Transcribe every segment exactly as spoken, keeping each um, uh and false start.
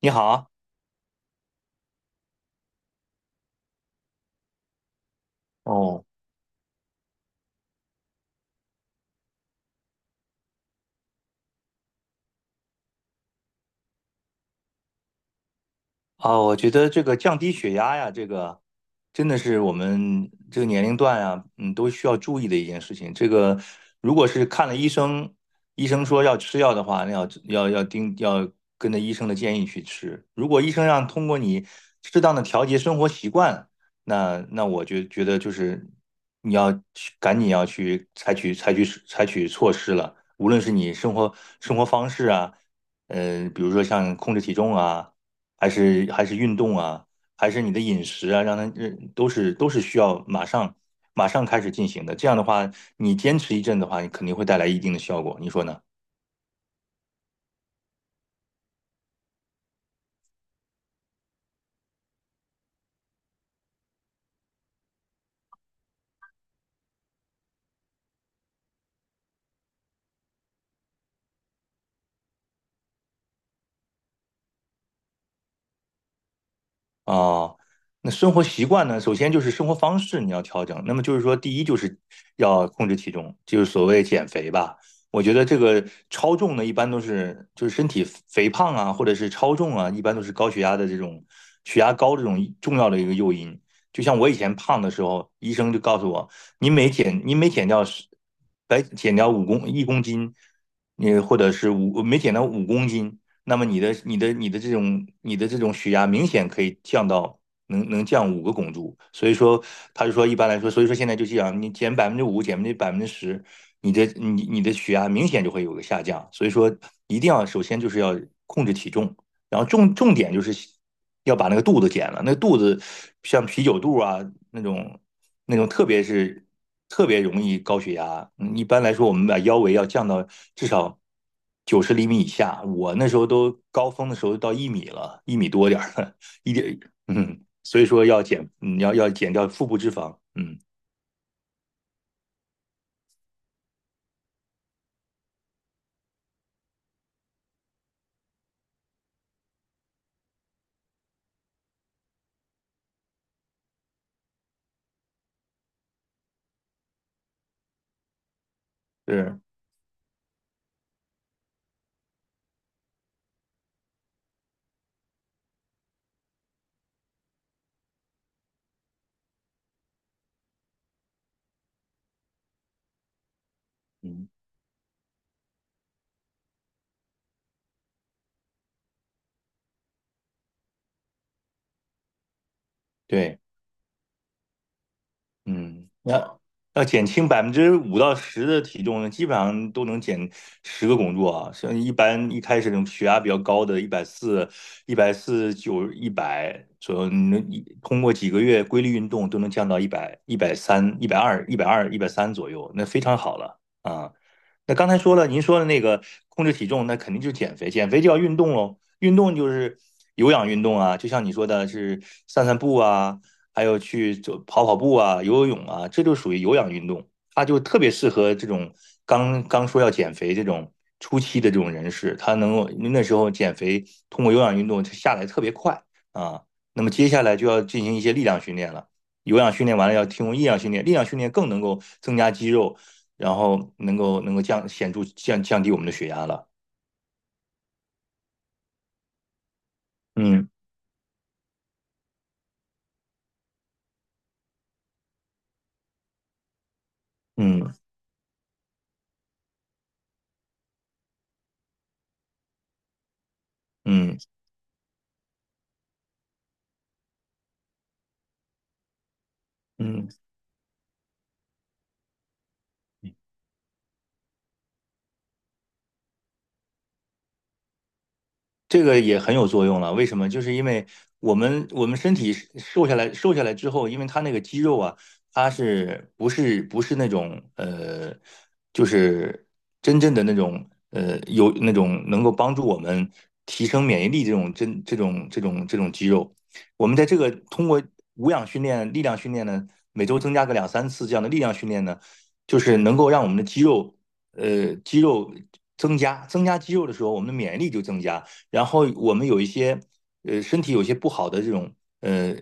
你好。哦。啊，我觉得这个降低血压呀，这个真的是我们这个年龄段啊，嗯，都需要注意的一件事情。这个如果是看了医生，医生说要吃药的话，那要要要盯要跟着医生的建议去吃。如果医生让通过你适当的调节生活习惯，那那我就觉得就是你要去赶紧要去采取采取采取措施了，无论是你生活生活方式啊，呃，比如说像控制体重啊。还是还是运动啊，还是你的饮食啊，让它呃都是都是需要马上马上开始进行的。这样的话，你坚持一阵的话，你肯定会带来一定的效果，你说呢？啊，那生活习惯呢？首先就是生活方式你要调整。那么就是说，第一就是要控制体重，就是所谓减肥吧。我觉得这个超重呢，一般都是就是身体肥胖啊，或者是超重啊，一般都是高血压的这种血压高这种重要的一个诱因。就像我以前胖的时候，医生就告诉我，你每减你每减掉十，白减掉五公一公斤，你或者是五没减掉五公斤，那么你的你的你的这种你的这种血压明显可以降到能能降五个汞柱。所以说他就说一般来说，所以说现在就这样，你减百分之五，减百分之十，你的你你的血压明显就会有个下降，所以说一定要首先就是要控制体重，然后重重点就是要把那个肚子减了，那个肚子像啤酒肚啊那种那种，特别是特别容易高血压。嗯一般来说，我们把腰围要降到至少九十厘米以下。我那时候都高峰的时候到一米了，一米多点儿了，一点嗯，所以说要减，你要要减掉腹部脂肪。嗯，是，嗯，对。嗯，那要减轻百分之五到十的体重呢，基本上都能减十个工作啊。像一般一开始那种血压比较高的，一百四、一百四九、一百左右，你能一通过几个月规律运动都能降到一百、一百三、一百二、一百二、一百三左右，那非常好了啊。那刚才说了，您说的那个控制体重，那肯定就是减肥，减肥就要运动喽。运动就是有氧运动啊，就像你说的是散散步啊，还有去走跑跑步啊、游游泳啊，这就属于有氧运动，它就特别适合这种刚刚说要减肥这种初期的这种人士，他能够那时候减肥通过有氧运动它下来特别快啊。那么接下来就要进行一些力量训练了，有氧训练完了要提供力量训练，力量训练更能够增加肌肉，然后能够能够降显著降降低我们的血压了。嗯。嗯。嗯。嗯。这个也很有作用了，为什么？就是因为我们我们身体瘦下来瘦下来之后，因为它那个肌肉啊，它是不是不是那种呃，就是真正的那种呃有那种能够帮助我们提升免疫力这种真这种这种这种肌肉，我们在这个通过无氧训练、力量训练呢，每周增加个两三次这样的力量训练呢，就是能够让我们的肌肉呃肌肉增加。增加肌肉的时候，我们的免疫力就增加。然后我们有一些呃身体有些不好的这种呃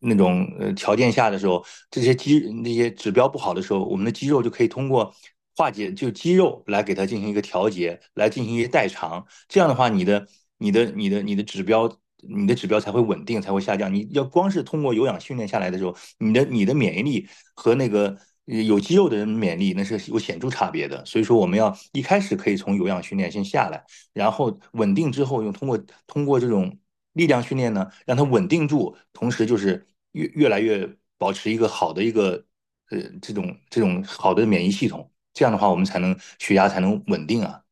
那种呃条件下的时候，这些肌那些指标不好的时候，我们的肌肉就可以通过化解，就肌肉来给它进行一个调节，来进行一些代偿。这样的话，你的你的你的你的指标。你的指标才会稳定，才会下降。你要光是通过有氧训练下来的时候，你的你的免疫力和那个呃有肌肉的人免疫力那是有显著差别的。所以说，我们要一开始可以从有氧训练先下来。然后稳定之后，用通过通过这种力量训练呢，让它稳定住，同时就是越越来越保持一个好的一个呃这种这种好的免疫系统，这样的话我们才能血压才能稳定啊，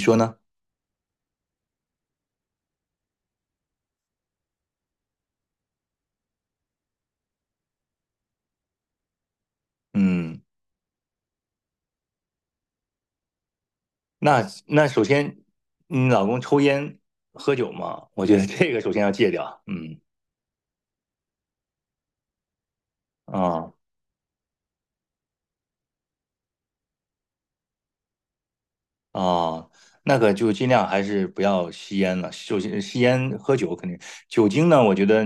你说呢？嗯。那那首先你老公抽烟喝酒嘛，我觉得这个首先要戒掉。嗯啊。啊，那个就尽量还是不要吸烟了。首先，吸烟、喝酒肯定，酒精呢，我觉得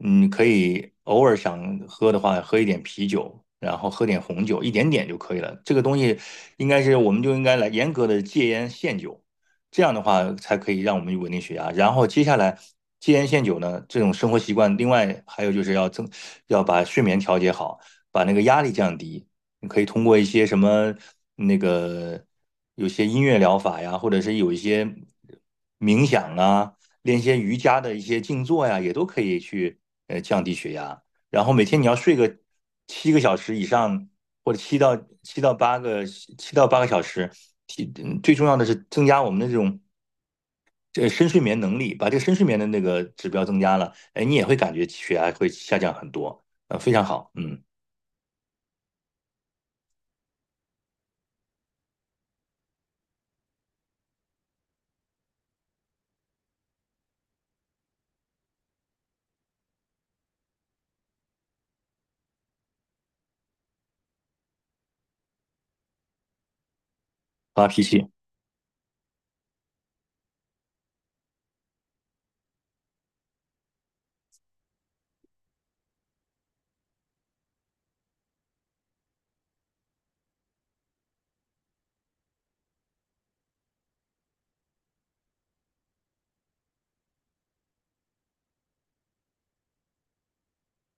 嗯，可以偶尔想喝的话，喝一点啤酒，然后喝点红酒，一点点就可以了。这个东西应该是，我们就应该来严格的戒烟限酒，这样的话才可以让我们稳定血压。然后接下来戒烟限酒呢，这种生活习惯，另外还有就是要增，要把睡眠调节好，把那个压力降低。你可以通过一些什么那个有些音乐疗法呀，或者是有一些冥想啊，练一些瑜伽的一些静坐呀，也都可以去呃降低血压。然后每天你要睡个七个小时以上，或者七到七到八个七到八个小时。提嗯最重要的是增加我们的这种这个深睡眠能力，把这个深睡眠的那个指标增加了，哎，你也会感觉血压会下降很多，呃，非常好。嗯。发脾气。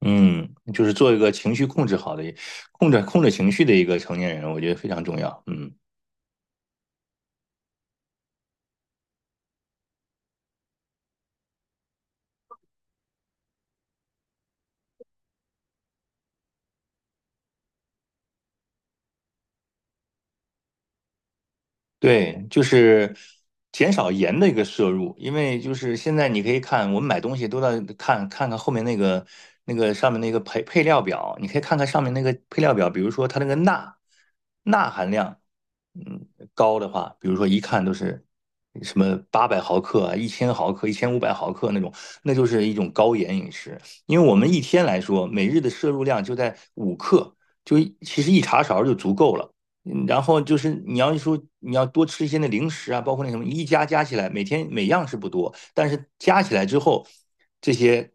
嗯，就是做一个情绪控制好的、控制控制情绪的一个成年人，我觉得非常重要。嗯。对，就是减少盐的一个摄入，因为就是现在你可以看，我们买东西都在看看看后面那个那个上面那个配配料表，你可以看看上面那个配料表，比如说它那个钠钠含量，嗯，高的话，比如说一看都是什么八百毫克啊、一千毫克、一千五百毫克那种，那就是一种高盐饮食。因为我们一天来说，每日的摄入量就在五克，就一其实一茶勺就足够了。嗯，然后就是你要说你要多吃一些那零食啊，包括那什么一加加起来，每天每样是不多，但是加起来之后，这些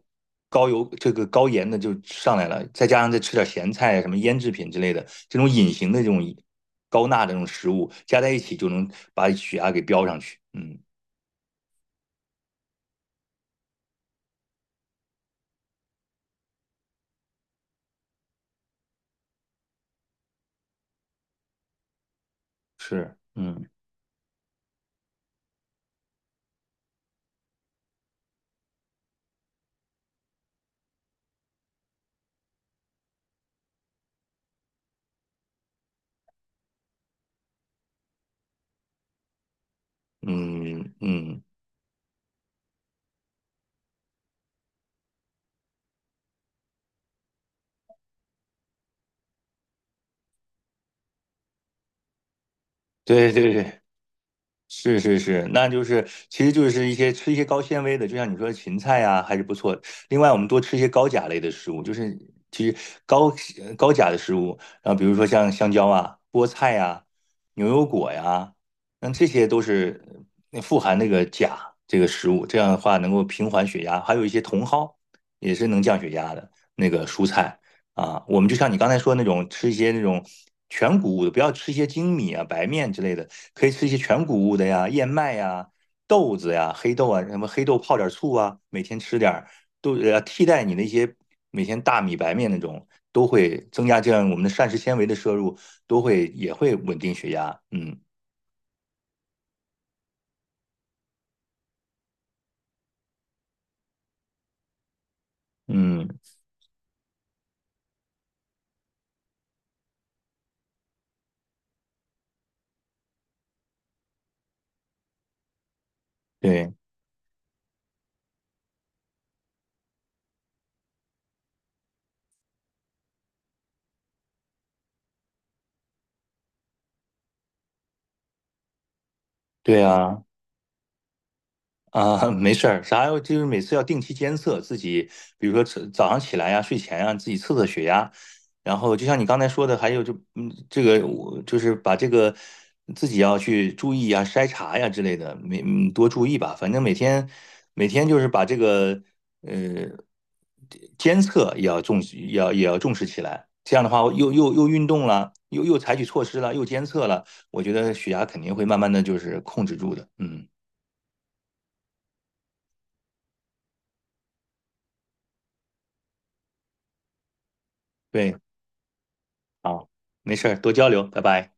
高油这个高盐的就上来了，再加上再吃点咸菜啊什么腌制品之类的，这种隐形的这种高钠的这种食物加在一起，就能把血压给飙上去。嗯，是，嗯，嗯，嗯，对，对，对。是，是，是，那就是，其实就是一些吃一些高纤维的，就像你说的芹菜啊，还是不错。另外，我们多吃一些高钾类的食物，就是其实高呃高钾的食物，然后比如说像香蕉啊、菠菜呀、牛油果呀，那这些都是呃富含那个钾这个食物，这样的话能够平缓血压。还有一些茼蒿也是能降血压的那个蔬菜，啊，我们就像你刚才说的那种，吃一些那种全谷物的，不要吃一些精米啊、白面之类的，可以吃一些全谷物的呀，燕麦呀、豆子呀、黑豆啊，什么黑豆泡点醋啊，每天吃点儿，都呃替代你那些每天大米白面那种，都会增加这样我们的膳食纤维的摄入，都会也会稳定血压。嗯。嗯。对。对啊。啊，没事儿，啥要就是每次要定期监测自己，比如说早早上起来呀、睡前啊，自己测测血压，然后就像你刚才说的，还有就嗯，这个我就是把这个自己要去注意呀、筛查呀之类的，每嗯多注意吧。反正每天每天就是把这个呃监测也要重视，也要也要重视起来。这样的话，又又又运动了，又又采取措施了，又监测了，我觉得血压肯定会慢慢的就是控制住的。嗯，对。好，没事儿，多交流，拜拜。